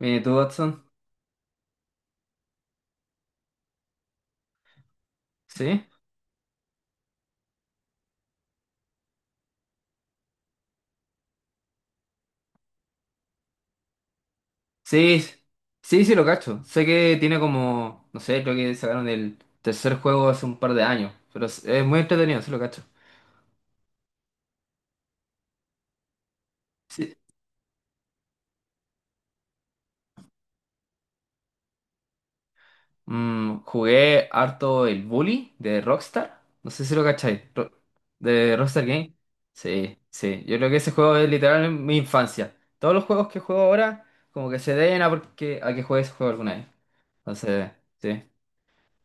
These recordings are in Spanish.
Mire tú, Watson. ¿Sí? Sí, sí, sí, lo cacho. Sé que tiene como, no sé, creo que sacaron el tercer juego hace un par de años, pero es muy entretenido, sí lo cacho. Sí. Jugué harto el Bully de Rockstar. No sé si lo cacháis. De Rockstar Game. Sí, sí. Yo creo que ese juego es literal mi infancia. Todos los juegos que juego ahora, como que se deben a, porque, a que juegue ese juego alguna vez. Entonces, sí.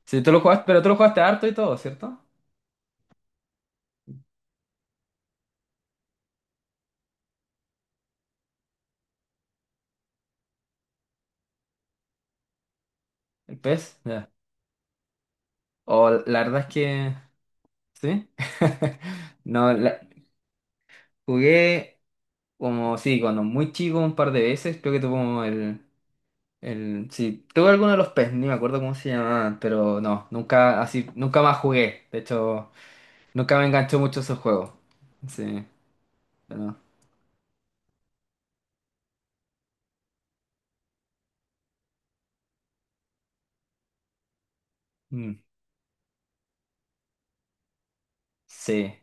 Sí, tú lo jugaste, pero tú lo jugaste harto y todo, ¿cierto? El PES. O la verdad es que sí. No, jugué como, sí, cuando muy chico un par de veces, creo que tuve como el, sí, tuve alguno de los PES, ni me acuerdo cómo se llamaban, pero no, nunca, así, nunca más jugué. De hecho, nunca me enganchó mucho esos juegos. Sí, pero, mm, sí,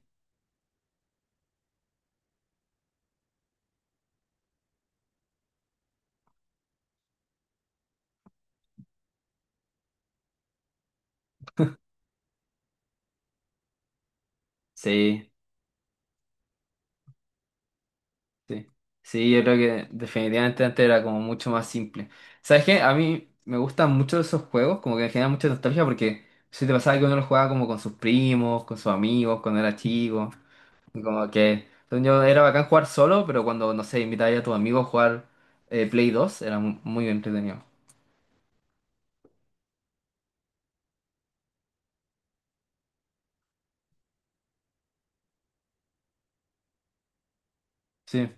sí. Sí, sí, yo creo que definitivamente antes era como mucho más simple. ¿Sabes qué? A mí me gustan mucho esos juegos, como que me generan mucha nostalgia porque si te pasaba que uno los jugaba como con sus primos, con sus amigos, cuando era chico, y como que según yo era bacán jugar solo, pero cuando, no sé, invitaba a tus amigos a jugar Play 2 era muy entretenido. Sí,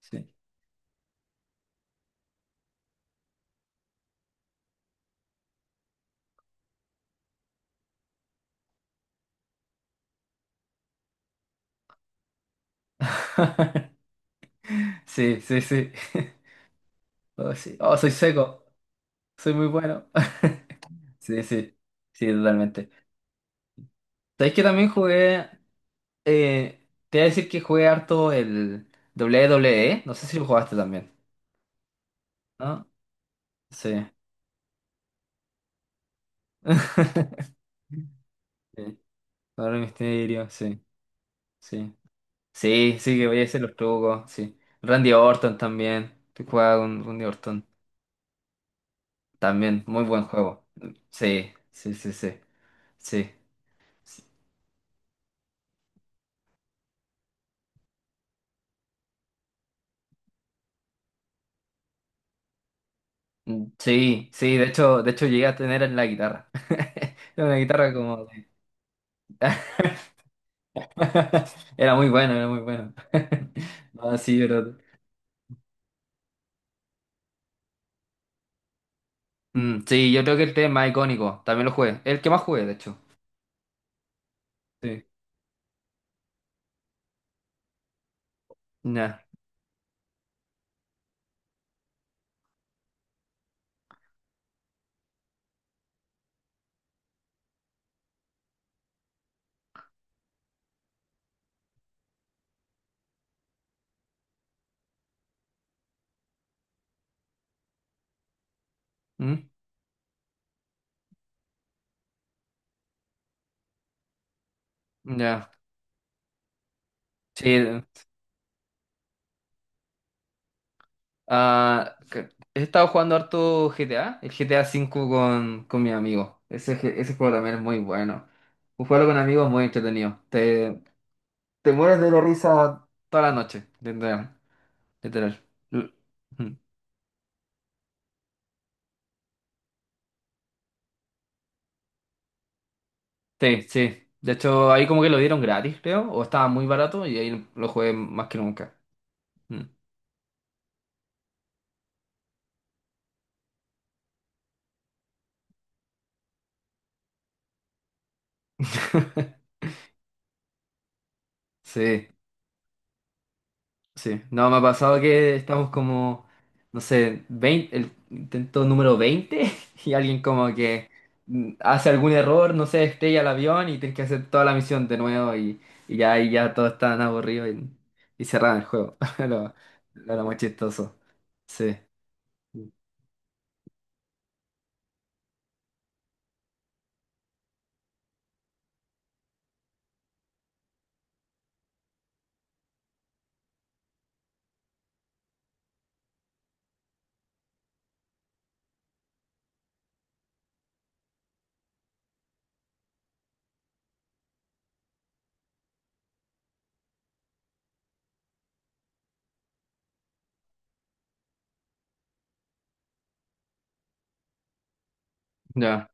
sí. Sí, sí, sí. Oh, sí. Oh, soy seco, soy muy bueno. Sí, sí, sí, totalmente. ¿Sabes que también jugué? eh, te voy a decir que jugué harto el WWE. No sé si lo jugaste también, ¿no? Sí. Sí, Padre del Misterio, sí, sí. Sí, sí, que voy a hacer los trucos, sí. Randy Orton también. Te jugaba con Randy Orton. También, muy buen juego. Sí, sí, sí, sí. Sí. Mm, sí, sí, de hecho llegué a tener en la guitarra. Era una guitarra como. Era muy bueno, era muy bueno. No, sí, ¿verdad? Mm, sí, yo creo que el 3 es más icónico. También lo jugué. El que más jugué, de hecho. Sí. Ya. Mm, ya. Sí. Ah, he estado jugando harto GTA. El GTA V con mi amigo. Ese juego también es muy bueno. Jugarlo con amigos es muy entretenido. Te mueres de la risa toda la noche. Literal. Literal. L- mm. Sí, sí. De hecho, ahí como que lo dieron gratis, creo, o estaba muy barato y ahí lo jugué más que nunca. Mm. Sí, sí. No, me ha pasado que estamos como, no sé, 20, el intento número 20 y alguien como que hace algún error, no sé, estrella el avión y tienes que hacer toda la misión de nuevo y, ya, y ya todos están aburridos y cerraron el juego. Lo, lo era muy chistoso. Sí. Ya.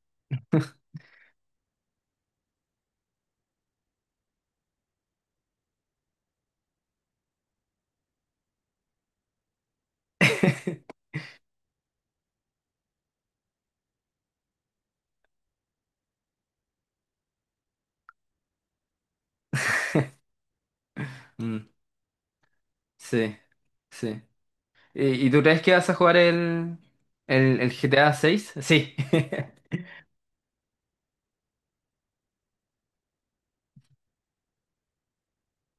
Mm, sí, sí. ¿Y tú crees que vas a jugar el, GTA 6? Sí.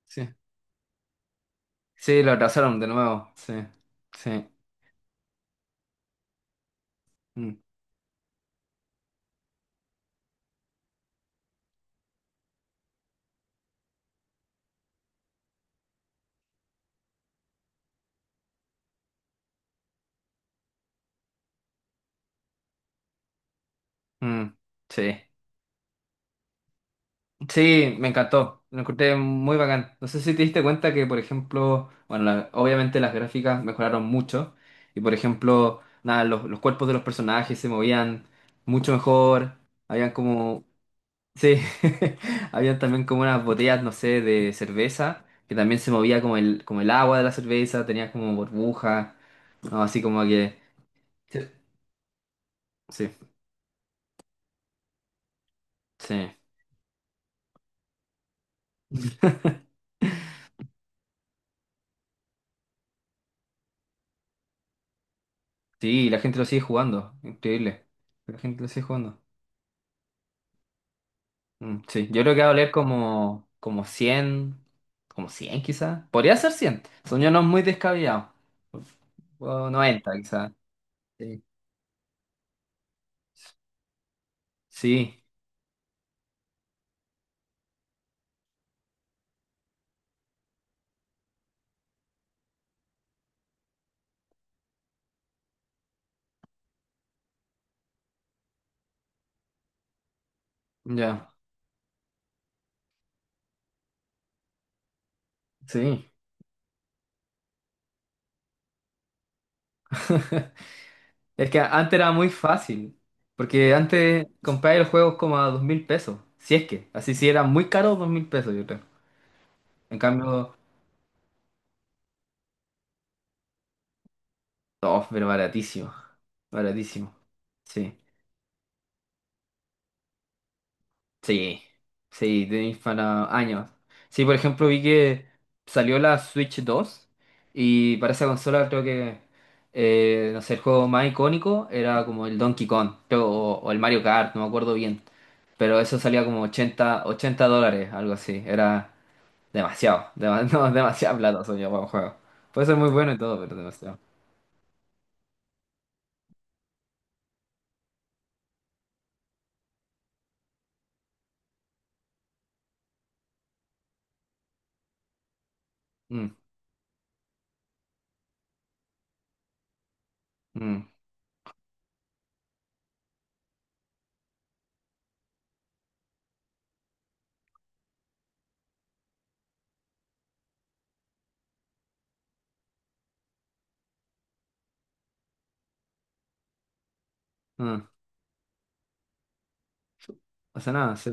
Sí. Sí, lo atrasaron de nuevo. Sí. Sí. Mm, mm, sí. Sí, me encantó. Lo encontré muy bacán. No sé si te diste cuenta que, por ejemplo, bueno, obviamente las gráficas mejoraron mucho. Y, por ejemplo, nada, los cuerpos de los personajes se movían mucho mejor. Habían como. Sí, habían también como unas botellas, no sé, de cerveza, que también se movía como el agua de la cerveza, tenía como burbuja, ¿no? Así como que... Sí, sí, sí. Sí, la gente lo sigue jugando, increíble. La gente lo sigue jugando. Mm, sí, yo creo que va a valer como 100, como 100 quizás. Podría ser 100 son yo no muy descabellados. O 90 quizás. Sí, sí, ya, sí. Es que antes era muy fácil, porque antes comprar el juego como a 2.000 pesos, si es que, así si era muy caro, 2.000 pesos yo creo. En cambio, oh, pero baratísimo, baratísimo, sí, sí, sí, tenéis para años. Sí, por ejemplo, vi que salió la Switch 2 y para esa consola creo que, no sé, el juego más icónico era como el Donkey Kong, creo, o el Mario Kart, no me acuerdo bien, pero eso salía como 80 80 dólares, algo así, era... Demasiado, no, demasiada plata soy yo para un juego. Puede ser muy bueno y todo, pero demasiado. Mm, mm, mm. O sea, nada, sí.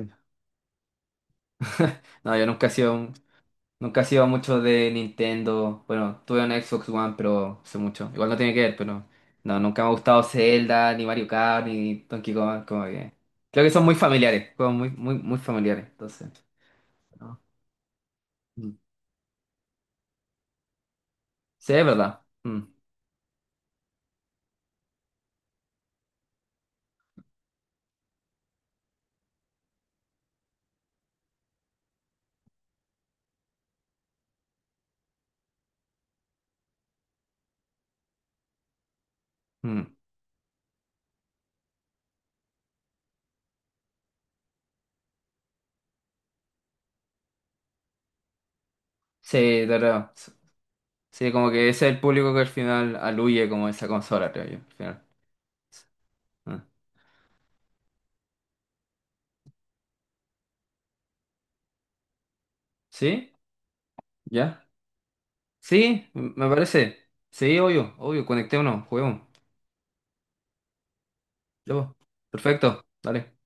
No, yo nunca he sido, nunca he sido mucho de Nintendo. Bueno, tuve un Xbox One, pero sé mucho. Igual no tiene que ver, pero no, nunca me ha gustado Zelda, ni Mario Kart, ni Donkey Kong, como que. Creo que son muy familiares, juegos muy, muy, muy familiares. Entonces, no. Mm. Sí, es verdad. Mm, mm. Sí, claro. Sí, como que ese es el público que al final aluye como esa consola, creo yo, al final. Ah. ¿Sí? ¿Ya? Sí, me parece. Sí, obvio, obvio, conectémonos, juguemos. Ya, pues. Perfecto, dale.